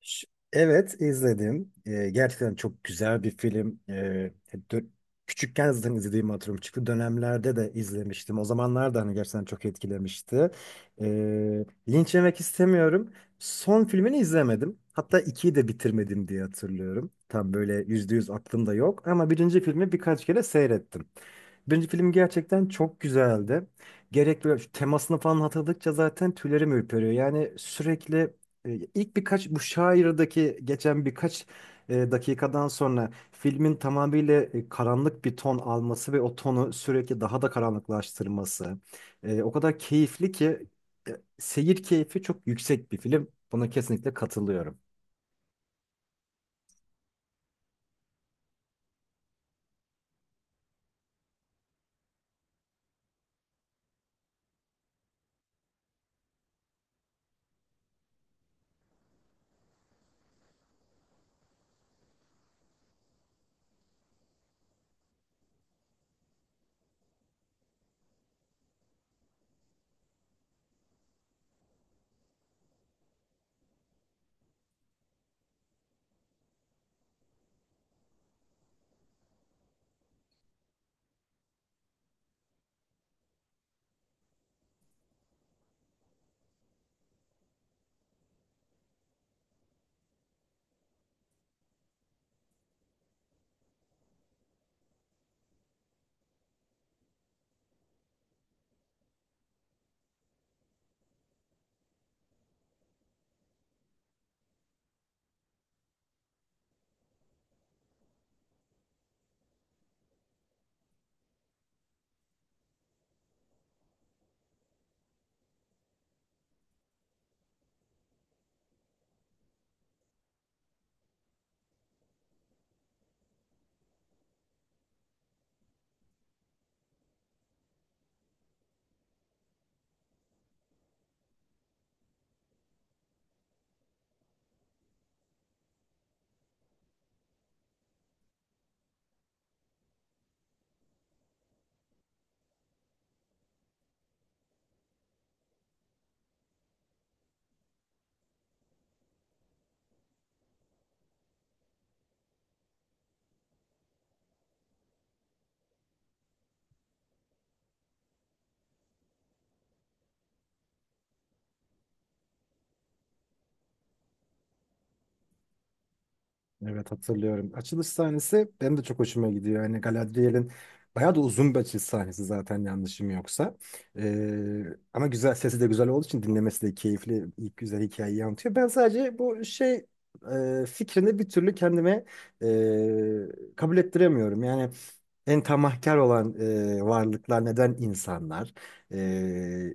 Ş- Evet, izledim. Gerçekten çok güzel bir film. Dö- Küçükken zaten izlediğim hatırlıyorum. Çıktı dönemlerde de izlemiştim. O zamanlar da hani gerçekten çok etkilemişti. Linç yemek istemiyorum. Son filmini izlemedim. Hatta ikiyi de bitirmedim diye hatırlıyorum. Tam böyle %100 aklımda yok. Ama birinci filmi birkaç kere seyrettim. Birinci film gerçekten çok güzeldi. Gerek böyle şu temasını falan hatırladıkça zaten tüylerim ürperiyor. Yani sürekli ilk birkaç bu şairdaki geçen birkaç dakikadan sonra filmin tamamıyla karanlık bir ton alması ve o tonu sürekli daha da karanlıklaştırması o kadar keyifli ki seyir keyfi çok yüksek bir film. Buna kesinlikle katılıyorum. Evet, hatırlıyorum. Açılış sahnesi benim de çok hoşuma gidiyor. Yani Galadriel'in bayağı da uzun bir açılış sahnesi zaten, yanlışım yoksa. Ee, Ama güzel, sesi de güzel olduğu için dinlemesi de keyifli. İlk güzel hikayeyi anlatıyor. Ben sadece bu şey fikrini bir türlü kendime kabul ettiremiyorum. Yani en tamahkar olan varlıklar neden insanlar? E,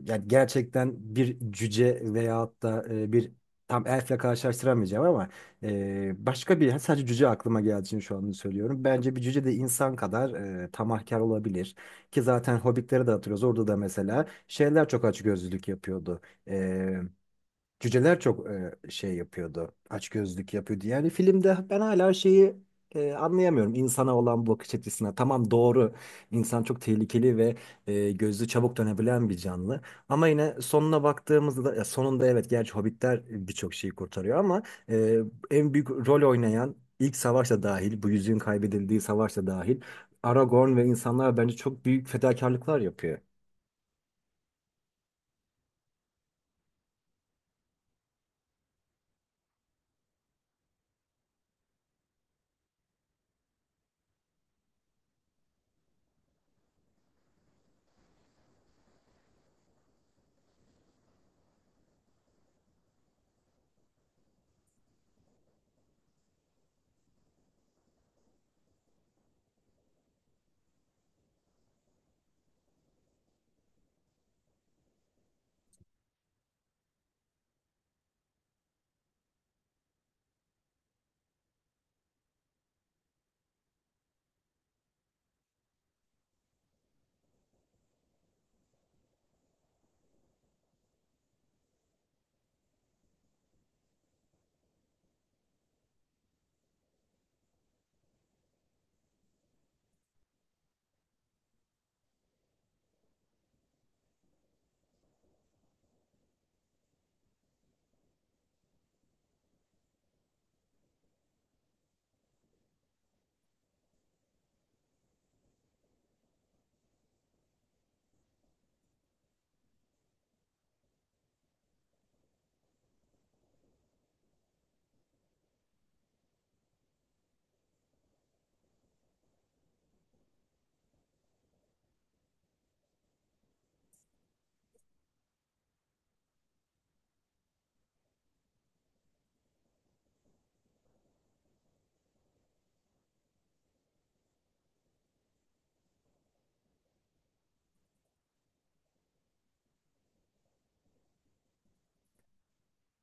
Yani gerçekten bir cüce veyahut da bir tam elfle karşılaştıramayacağım ama başka bir, sadece cüce aklıma geldiği için şu anda söylüyorum. Bence bir cüce de insan kadar tamahkar olabilir. Ki zaten Hobbit'leri de hatırlıyoruz. Orada da mesela şeyler çok açgözlülük yapıyordu. Cüceler çok şey yapıyordu. Açgözlük yapıyordu. Yani filmde ben hala şeyi anlayamıyorum. İnsana olan bu bakış açısına. Tamam, doğru. İnsan çok tehlikeli ve gözü çabuk dönebilen bir canlı. Ama yine sonuna baktığımızda, ya sonunda evet, gerçi hobbitler birçok şeyi kurtarıyor ama e, en büyük rol oynayan ilk savaşta dahil, bu yüzüğün kaybedildiği savaşta dahil, Aragorn ve insanlar bence çok büyük fedakarlıklar yapıyor.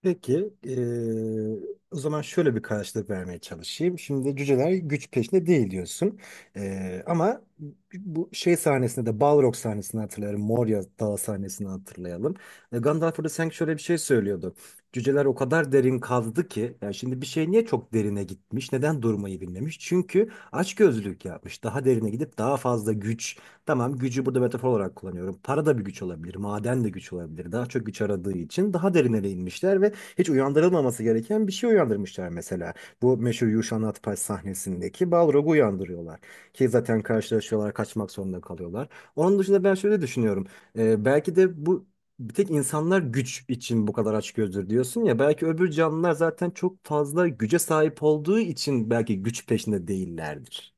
Peki, o zaman şöyle bir karşılık vermeye çalışayım. Şimdi cüceler güç peşinde değil, diyorsun. Ama bu şey sahnesinde de, Balrog sahnesini hatırlayalım. Moria Dağı sahnesini hatırlayalım. Gandalf orada sanki şöyle bir şey söylüyordu. Cüceler o kadar derin kazdı ki, yani şimdi bir şey niye çok derine gitmiş, neden durmayı bilmemiş? Çünkü açgözlülük yapmış. Daha derine gidip daha fazla güç, tamam gücü burada metafor olarak kullanıyorum. Para da bir güç olabilir, maden de güç olabilir. Daha çok güç aradığı için daha derinlere inmişler, hiç uyandırılmaması gereken bir şey uyandırmışlar mesela. Bu meşhur Yuşan Atpaç sahnesindeki Balrog'u uyandırıyorlar. Ki zaten karşılaşıyorlar, kaçmak zorunda kalıyorlar. Onun dışında ben şöyle düşünüyorum. Belki de bu, bir tek insanlar güç için bu kadar açgözlü diyorsun ya. Belki öbür canlılar zaten çok fazla güce sahip olduğu için belki güç peşinde değillerdir.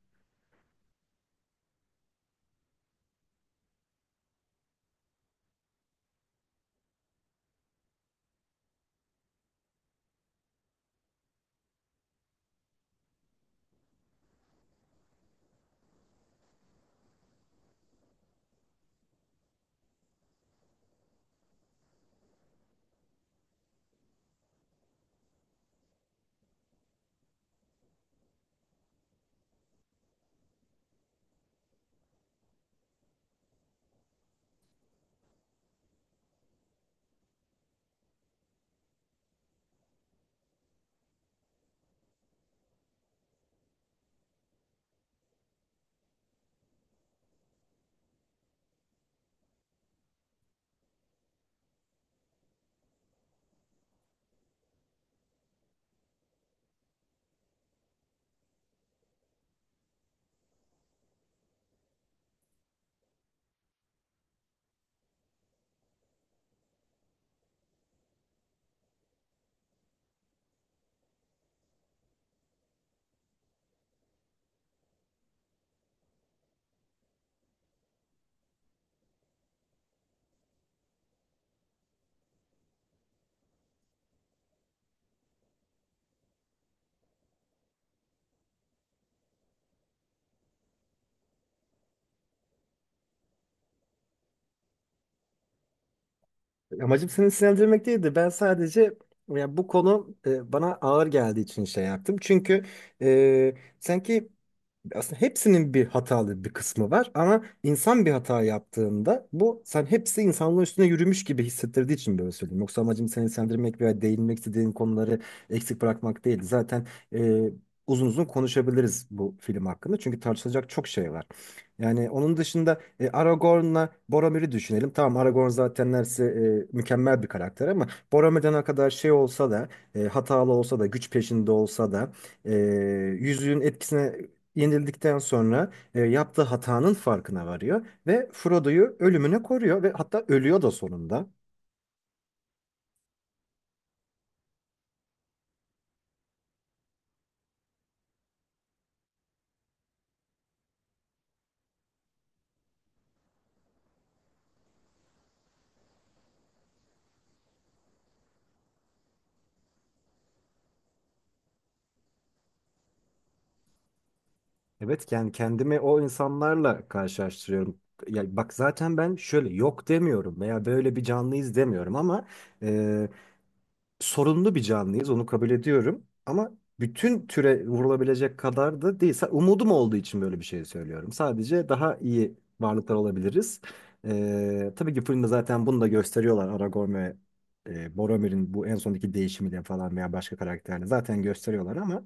Amacım seni sinirlendirmek değildi. Ben sadece, ya bu konu bana ağır geldiği için şey yaptım. Çünkü e, sanki aslında hepsinin bir hatalı bir kısmı var ama insan bir hata yaptığında bu sen hepsi insanlığın üstüne yürümüş gibi hissettirdiği için böyle söyleyeyim. Yoksa amacım seni sendirmek veya değinmek istediğin konuları eksik bırakmak değil. Zaten e, uzun uzun konuşabiliriz bu film hakkında, çünkü tartışılacak çok şey var. Yani onun dışında Aragorn'la Boromir'i düşünelim. Tamam, Aragorn zaten neredeyse mükemmel bir karakter ama Boromir'den ne kadar şey olsa da hatalı olsa da güç peşinde olsa da e, yüzüğün etkisine yenildikten sonra yaptığı hatanın farkına varıyor ve Frodo'yu ölümüne koruyor ve hatta ölüyor da sonunda. Evet, yani kendimi o insanlarla karşılaştırıyorum. Ya bak, zaten ben şöyle yok demiyorum veya böyle bir canlıyız demiyorum ama e, sorunlu bir canlıyız, onu kabul ediyorum, ama bütün türe vurulabilecek kadar da değil. Umudum olduğu için böyle bir şey söylüyorum. Sadece daha iyi varlıklar olabiliriz. Tabii ki filmde zaten bunu da gösteriyorlar. Aragorn ve Boromir'in bu en sondaki değişimiyle falan veya başka karakterle zaten gösteriyorlar, ama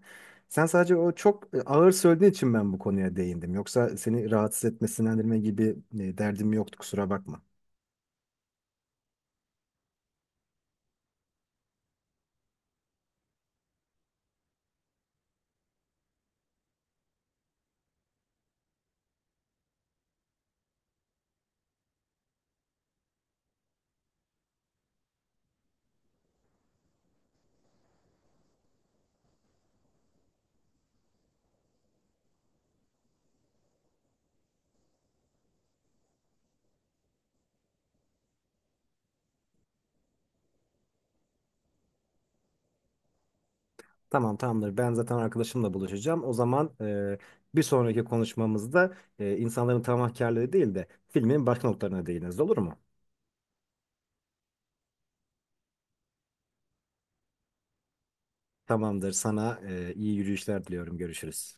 sen sadece o çok ağır söylediğin için ben bu konuya değindim. Yoksa seni rahatsız etme, etmesinlendirme gibi derdim yoktu, kusura bakma. Tamam, tamamdır. Ben zaten arkadaşımla buluşacağım. O zaman bir sonraki konuşmamızda insanların tamahkârlığı değil de filmin başka noktalarına değiniriz. Olur mu? Tamamdır. Sana iyi yürüyüşler diliyorum. Görüşürüz.